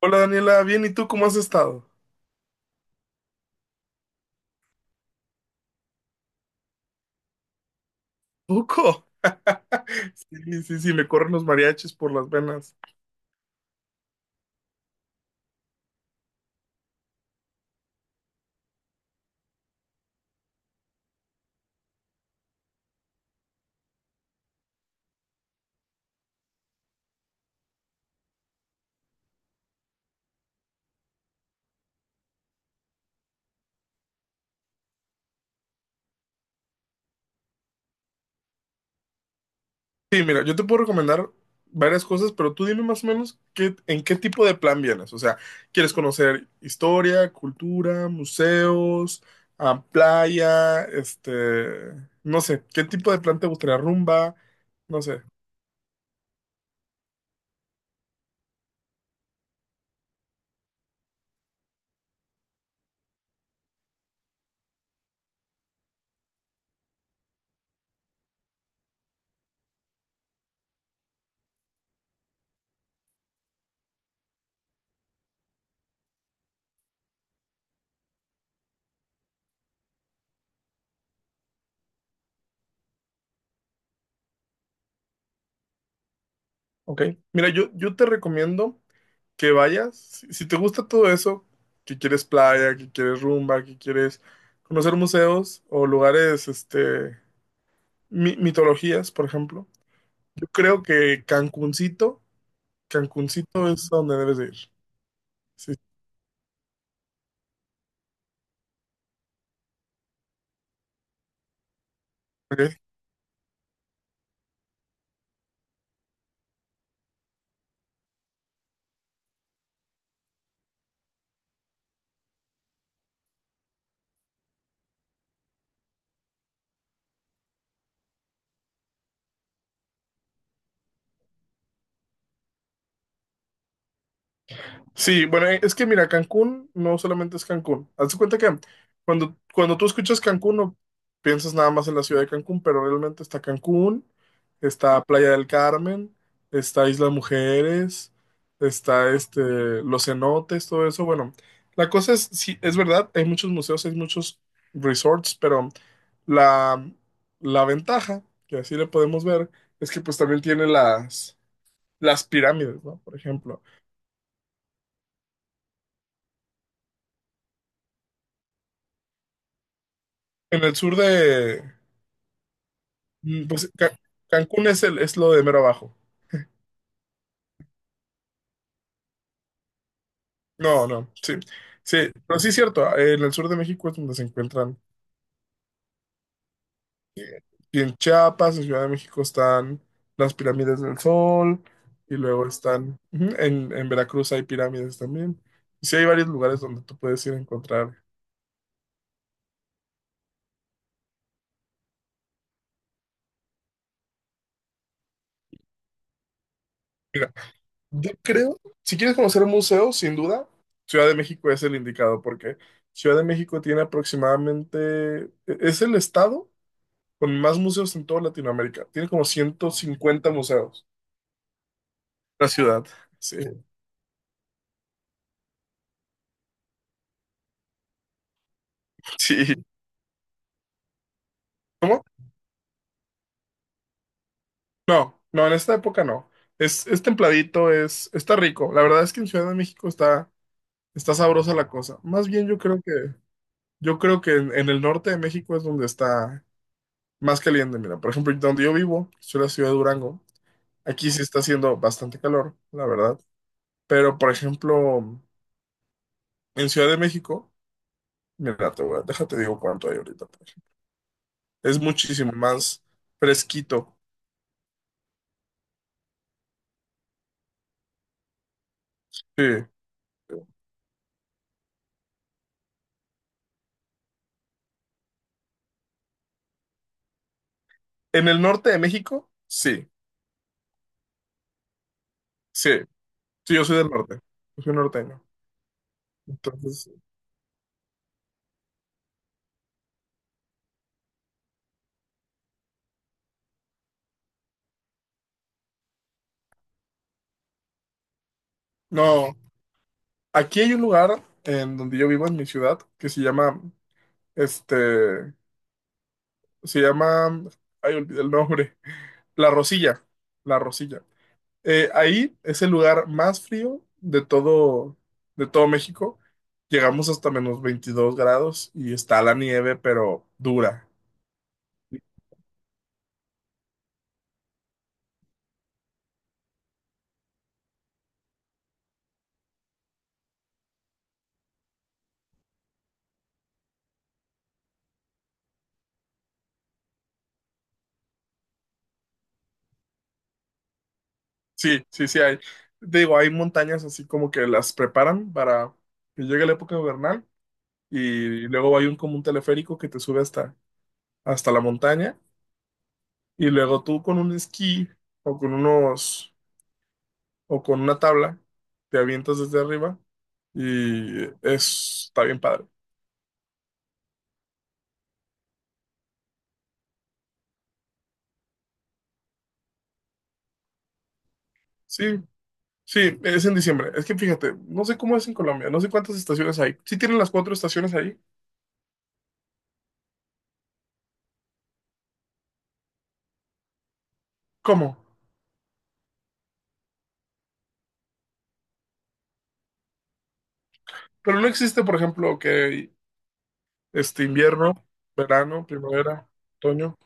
Hola Daniela, bien, ¿y tú cómo has estado? Poco. Sí, sí, sí, me corren los mariachis por las venas. Sí, mira, yo te puedo recomendar varias cosas, pero tú dime más o menos en qué tipo de plan vienes. O sea, ¿quieres conocer historia, cultura, museos, ah, playa, no sé, qué tipo de plan te gustaría, rumba, no sé. Ok, mira, yo te recomiendo que vayas, si te gusta todo eso, que quieres playa, que quieres rumba, que quieres conocer museos o lugares, mitologías, por ejemplo, yo creo que Cancuncito es a donde debes de ir. Sí, ok. Sí, bueno, es que mira, Cancún no solamente es Cancún. Hazte cuenta que cuando tú escuchas Cancún no piensas nada más en la ciudad de Cancún, pero realmente está Cancún, está Playa del Carmen, está Isla Mujeres, está este, los cenotes, todo eso. Bueno, la cosa es, sí, es verdad, hay muchos museos, hay muchos resorts, pero la, la ventaja, que así le podemos ver, es que pues también tiene las pirámides, ¿no? Por ejemplo, en el sur de. Pues Cancún es lo de mero abajo. No, no, sí. Sí, pero sí es cierto, en el sur de México es donde se encuentran. eh, Y en Chiapas, en Ciudad de México están las pirámides del Sol, y luego están, ujú, en Veracruz hay pirámides también. Sí, hay varios lugares donde tú puedes ir a encontrar. Mira, yo creo, si quieres conocer museos, sin duda, Ciudad de México es el indicado, porque Ciudad de México tiene aproximadamente, es el estado con más museos en toda Latinoamérica. Tiene como 150 museos la ciudad. Sí. Sí, ¿cómo? No, no, en esta época no. Es templadito, está rico. La verdad es que en Ciudad de México está sabrosa la cosa. Más bien yo creo que en el norte de México es donde está más caliente. Mira, por ejemplo, donde yo vivo, soy la ciudad de Durango. Aquí sí está haciendo bastante calor, la verdad. Pero, por ejemplo, en Ciudad de México, mira, déjate digo cuánto hay ahorita. Es muchísimo más fresquito. Sí. En el norte de México, sí, sí, sí, yo soy del norte, yo soy norteño. Entonces, no, aquí hay un lugar en donde yo vivo, en mi ciudad, que se llama, este, se llama, ay, olvidé el nombre, La Rosilla, La Rosilla. Ahí es el lugar más frío de todo México. Llegamos hasta menos 22 grados y está la nieve, pero dura. Sí, sí, sí hay. Digo, hay montañas así como que las preparan para que llegue la época invernal y luego hay un como un teleférico que te sube hasta, hasta la montaña y luego tú con un esquí o con unos o con una tabla te avientas desde arriba y está bien padre. Sí, sí, es en diciembre. Es que fíjate, no sé cómo es en Colombia, no sé cuántas estaciones hay. ¿Sí tienen las cuatro estaciones ahí? ¿Cómo? Pero no existe, por ejemplo, que invierno, verano, primavera, otoño.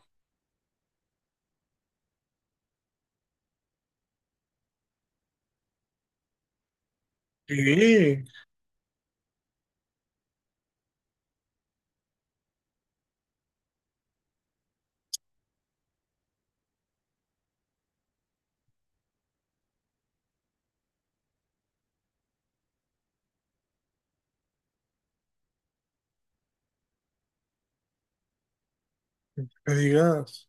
Sí, me digas.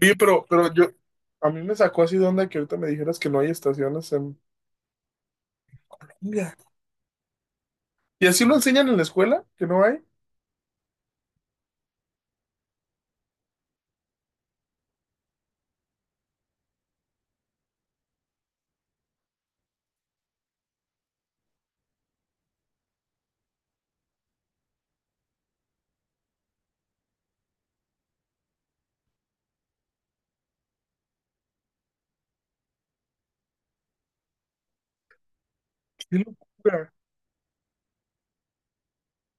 Oye, pero a mí me sacó así de onda que ahorita me dijeras que no hay estaciones en Colombia. ¿Y así lo enseñan en la escuela? ¿Que no hay? ¡Qué locura!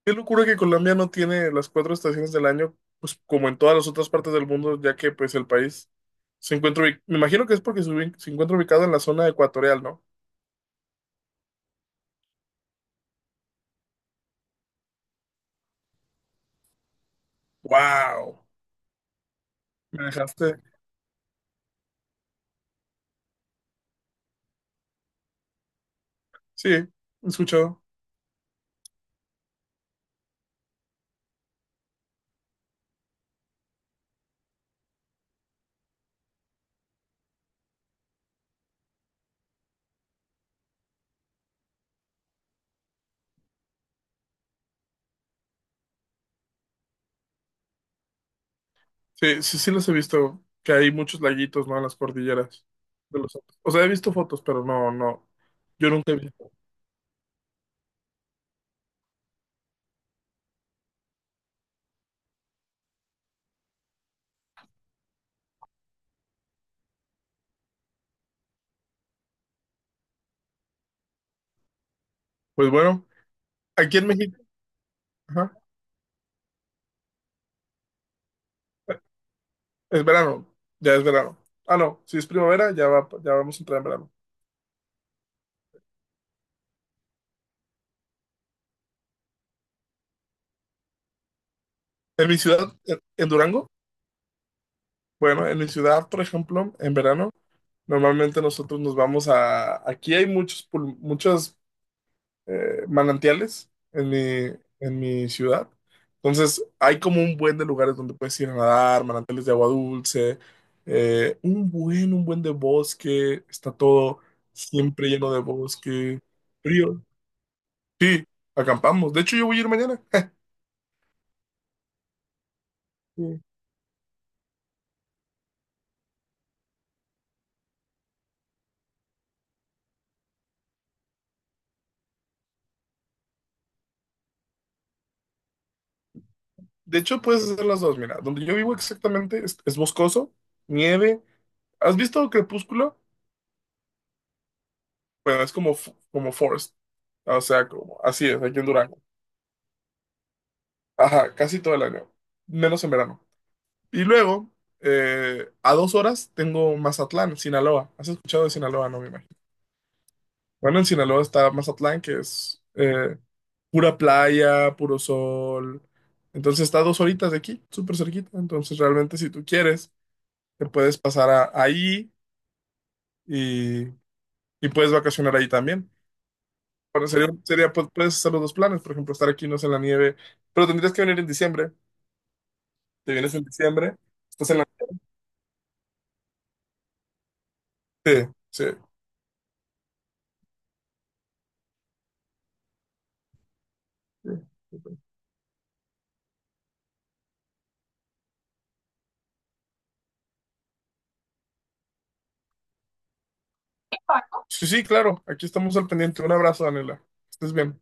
¡Qué locura que Colombia no tiene las cuatro estaciones del año, pues como en todas las otras partes del mundo, ya que pues el país se encuentra, me imagino que es porque se encuentra ubicado en la zona ecuatorial, ¿no? ¡Wow! Me dejaste. Sí, he escuchado. Sí, sí, sí los he visto, que hay muchos laguitos, ¿no? En las cordilleras de los Andes. O sea, he visto fotos, pero no, no, yo nunca he visto. Pues bueno, aquí en México, ajá, es verano, ya es verano. Ah, no, si es primavera, ya vamos a entrar en verano. En mi ciudad, en Durango, bueno, en mi ciudad, por ejemplo, en verano, normalmente nosotros nos vamos a, aquí hay muchas manantiales en mi ciudad. Entonces, hay como un buen de lugares donde puedes ir a nadar, manantiales de agua dulce, un buen de bosque, está todo siempre lleno de bosque, frío. Sí, acampamos. De hecho, yo voy a ir mañana. Sí. De hecho, puedes hacer las dos. Mira, donde yo vivo exactamente es boscoso, nieve. ¿Has visto Crepúsculo? Bueno, como Forest. O sea, como, así es, aquí en Durango. Ajá, casi todo el año, menos en verano. Y luego, a 2 horas tengo Mazatlán, Sinaloa. ¿Has escuchado de Sinaloa? No me imagino. Bueno, en Sinaloa está Mazatlán, que es pura playa, puro sol. Entonces está a 2 horitas de aquí, súper cerquita. Entonces realmente si tú quieres, te puedes pasar ahí y, y puedes vacacionar ahí también. Bueno, pues, puedes hacer los dos planes, por ejemplo, estar aquí, no sé, en la nieve, pero tendrías que venir en diciembre. Te vienes en diciembre, estás en la... Sí, sí. Sí, sí, claro. Aquí estamos al pendiente. Un abrazo, Daniela. Estés bien.